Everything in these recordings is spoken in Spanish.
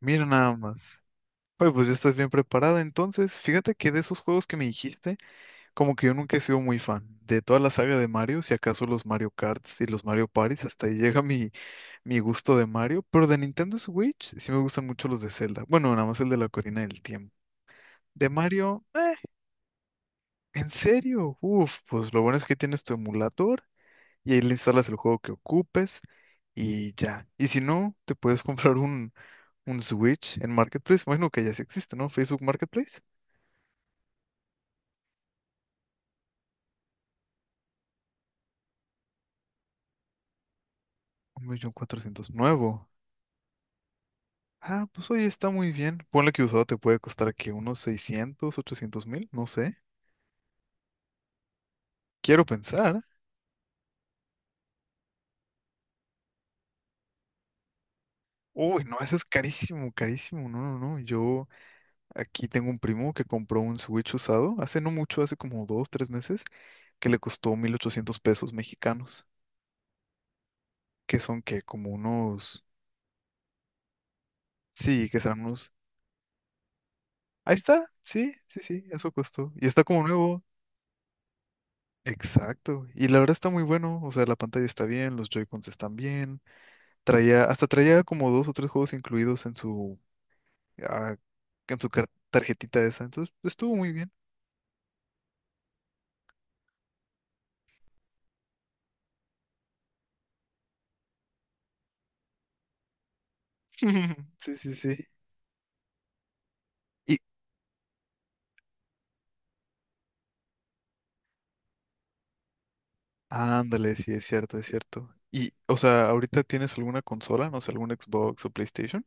Mira nada más. Oye, pues ya estás bien preparada. Entonces, fíjate que de esos juegos que me dijiste, como que yo nunca he sido muy fan. De toda la saga de Mario, si acaso los Mario Karts y los Mario Parties, hasta ahí llega mi gusto de Mario. Pero de Nintendo Switch, sí me gustan mucho los de Zelda. Bueno, nada más el de la Corina del Tiempo. De Mario, ¿en serio? Uf, pues lo bueno es que tienes tu emulador y ahí le instalas el juego que ocupes y ya. Y si no, te puedes comprar un Switch en Marketplace, bueno que ya sí existe, ¿no? Facebook Marketplace. Un millón cuatrocientos nuevo. Ah, pues oye, está muy bien. Ponle que usado te puede costar que unos 600.000 800.000, no sé. Quiero pensar. Uy, no, eso es carísimo, carísimo. No, no, no. Yo aquí tengo un primo que compró un Switch usado hace no mucho, hace como dos, tres meses, que le costó 1.800 pesos mexicanos, que son que como unos, sí, que serán unos, ahí está, sí, sí, sí, eso costó. Y está como nuevo. Exacto. Y la verdad está muy bueno. O sea, la pantalla está bien, los Joy-Cons están bien. Traía, hasta traía como dos o tres juegos incluidos en su, ah, en su tarjetita esa. Entonces, pues, estuvo muy bien. Sí, sí, sí. Y ándale, sí, es cierto, es cierto. Y, o sea, ¿ahorita tienes alguna consola? No sé, algún Xbox o PlayStation.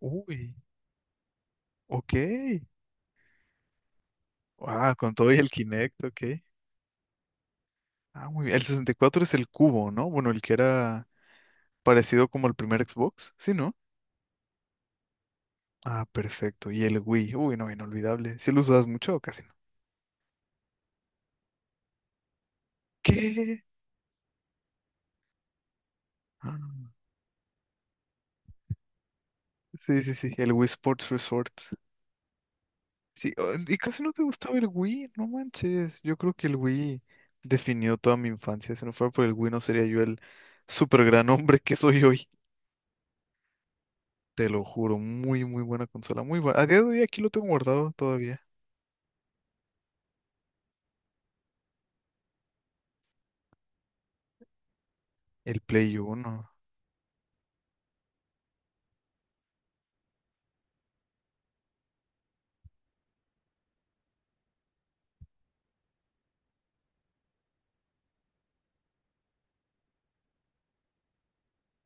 Uy, ok. Ah, con todo y el Kinect, ok. Ah, muy bien. El 64 es el cubo, ¿no? Bueno, el que era parecido como el primer Xbox, ¿sí, no? Ah, perfecto. Y el Wii. Uy, no, inolvidable. ¿Sí lo usabas mucho o casi no? ¿Qué? Ah, sí, sí, sí. El Wii Sports Resort. Sí, oh, y casi no te gustaba el Wii. No manches. Yo creo que el Wii definió toda mi infancia. Si no fuera por el Wii, no sería yo el super gran hombre que soy hoy. Te lo juro. Muy, muy buena consola. Muy buena. A día de hoy aquí lo tengo guardado todavía. El Play Uno.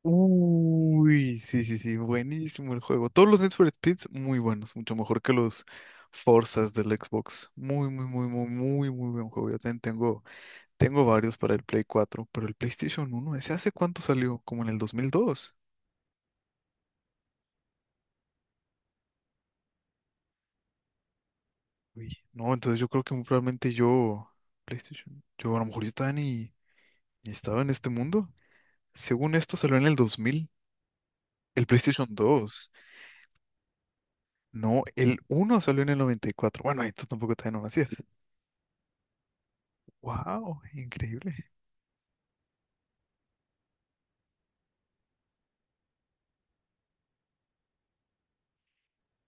Uy, sí, sí, sí, buenísimo el juego. Todos los Need for Speeds muy buenos, mucho mejor que los Forzas del Xbox. Muy, muy, muy, muy, muy, muy buen juego. Yo también tengo, tengo varios para el Play 4, pero el PlayStation uno, ¿ese hace cuánto salió? Como en el 2002. Uy, no, entonces yo creo que muy probablemente yo, PlayStation, yo a lo mejor yo todavía ni estaba en este mundo. Según esto salió en el 2000, el PlayStation 2. No, el uno salió en el 94. Bueno, ahí tú tampoco todavía no nacías. Wow, increíble.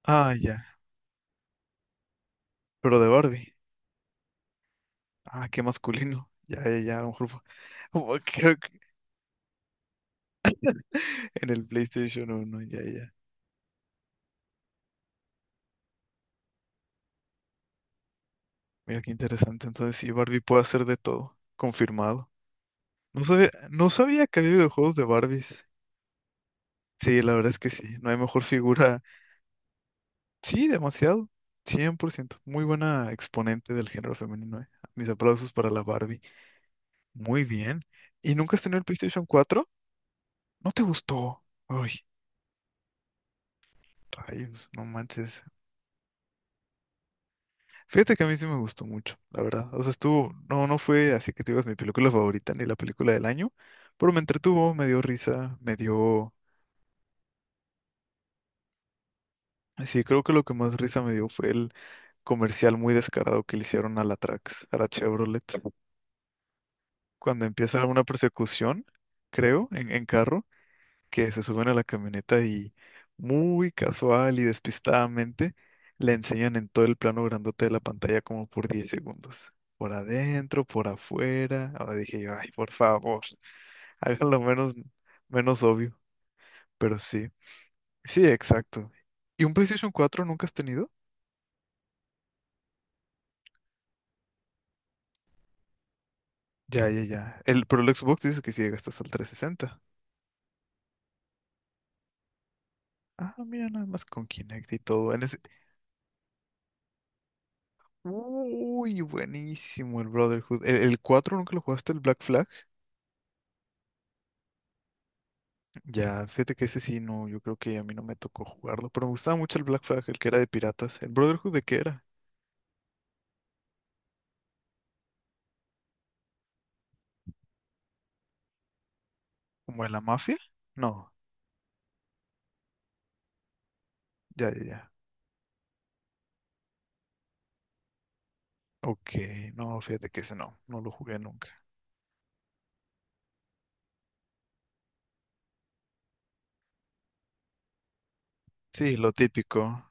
Ah, ya. Pero de Barbie. Ah, qué masculino. Ya, ya, ya, a lo mejor como creo que en el PlayStation uno, ya, ya. Mira qué interesante. Entonces, sí, Barbie puede hacer de todo. Confirmado. No sabía, no sabía que había videojuegos de Barbies. Sí, la verdad es que sí. No hay mejor figura. Sí, demasiado. 100%. Muy buena exponente del género femenino. Mis aplausos para la Barbie. Muy bien. ¿Y nunca has tenido el PlayStation 4? ¿No te gustó? Ay. Rayos, no manches. Fíjate que a mí sí me gustó mucho, la verdad. O sea, estuvo, no, no fue así que te digas mi película favorita ni la película del año, pero me entretuvo, me dio risa, me dio... Sí, creo que lo que más risa me dio fue el comercial muy descarado que le hicieron a la Trax, a la Chevrolet, cuando empieza una persecución, creo, en, carro. Que se suben a la camioneta y muy casual y despistadamente le enseñan en todo el plano grandote de la pantalla como por 10 segundos. Por adentro, por afuera. Ahora dije yo, ay, por favor, háganlo menos, menos obvio. Pero sí, sí, exacto. ¿Y un PlayStation 4 nunca has tenido? Ya, ya, ya. El, pero el Xbox dice que si llegaste hasta el 360. Ah, mira, nada más con Kinect y todo. En ese... Uy, buenísimo el Brotherhood. ¿El 4 nunca lo jugaste, el Black Flag? Ya, fíjate que ese sí, no, yo creo que a mí no me tocó jugarlo, pero me gustaba mucho el Black Flag, el que era de piratas. ¿El Brotherhood de qué era? ¿Como de la mafia? No, ya, ya, ya. Ok, no, fíjate que ese no, no lo jugué nunca. Sí, lo típico.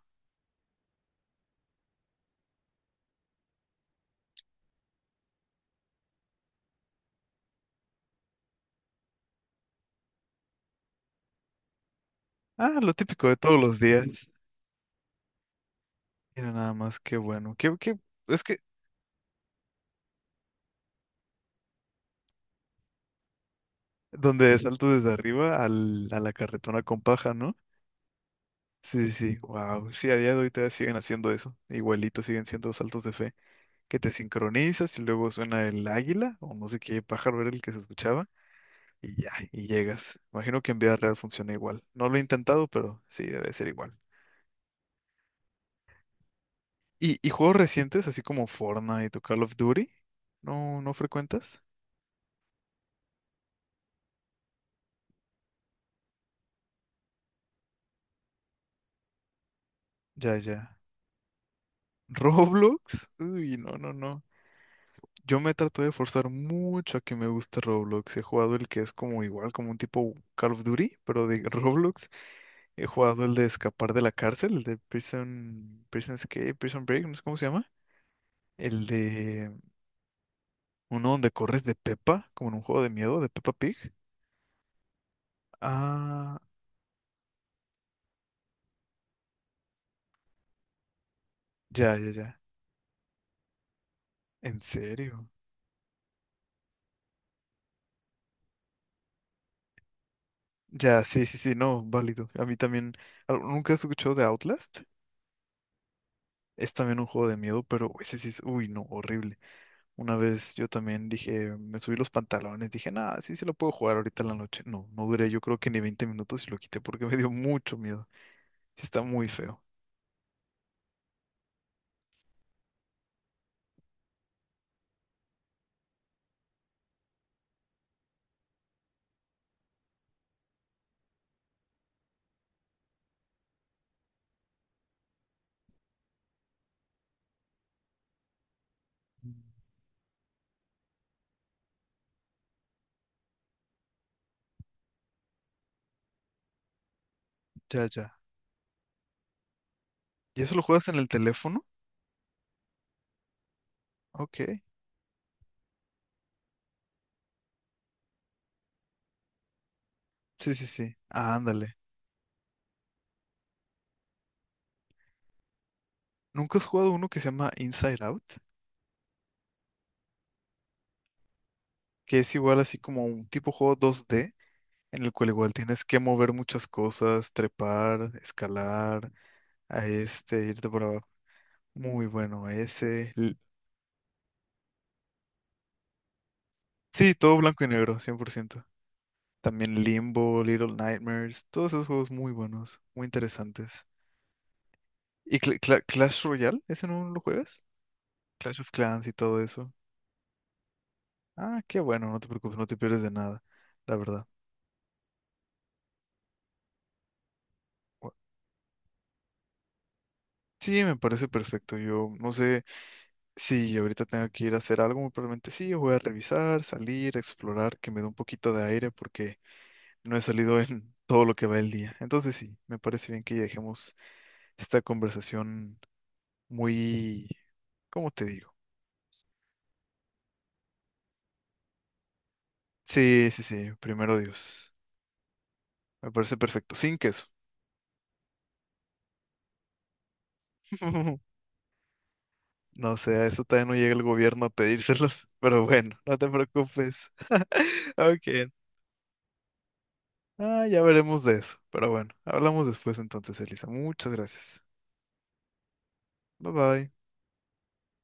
Ah, lo típico de todos los días. Mira nada más, qué bueno. Qué, qué, es que donde salto desde arriba al, a la carretona con paja, ¿no? Sí, sí, sí, wow. Sí, a día de hoy todavía siguen haciendo eso. Igualito siguen siendo saltos de fe. Que te sincronizas y luego suena el águila o no sé qué pájaro era el que se escuchaba y ya, y llegas. Imagino que en vida real funciona igual. No lo he intentado, pero sí, debe ser igual. Y juegos recientes, así como Fortnite o Call of Duty? ¿No, no frecuentas? Ya, ya. ¿Roblox? Uy, no, no, no. Yo me trato de forzar mucho a que me guste Roblox. He jugado el que es como igual, como un tipo Call of Duty, pero de Roblox. He jugado el de escapar de la cárcel, el de Prison, Prison Escape, Prison Break, no sé cómo se llama. El de uno donde corres de Peppa, como en un juego de miedo de Peppa Pig. Ah, ya, ya, ya. ¿En serio? Ya, sí, sí, sí, no, válido. A mí también. ¿Nunca has escuchado de Outlast? Es también un juego de miedo, pero ese sí es, uy, no, horrible. Una vez yo también dije, me subí los pantalones, dije, nada, sí, sí lo puedo jugar ahorita en la noche. No, no duré, yo creo que ni 20 minutos y lo quité porque me dio mucho miedo. Sí, está muy feo. Ya, ya. ¿Y eso lo juegas en el teléfono? Ok. Sí, sí, sí. Ah, ándale. ¿Nunca has jugado uno que se llama Inside Out? Que es igual así como un tipo juego 2D en el cual igual tienes que mover muchas cosas, trepar, escalar, a este, irte por abajo. Muy bueno, ese. Sí, todo blanco y negro, 100%. También Limbo, Little Nightmares, todos esos juegos muy buenos, muy interesantes. ¿Y Clash Royale? ¿Ese no lo juegas? Clash of Clans y todo eso. Ah, qué bueno, no te preocupes, no te pierdes de nada, la verdad. Bu- Sí, me parece perfecto. Yo no sé si ahorita tengo que ir a hacer algo, muy probablemente sí, voy a revisar, salir, explorar, que me dé un poquito de aire porque no he salido en todo lo que va el día. Entonces sí, me parece bien que dejemos esta conversación muy... ¿Cómo te digo? Sí, sí, sí, primero Dios. Me parece perfecto, sin queso. No sé, a eso todavía no llega el gobierno a pedírselos, pero bueno, no te preocupes. Ok, ah, ya veremos de eso. Pero bueno, hablamos después entonces, Elisa. Muchas gracias. Bye bye.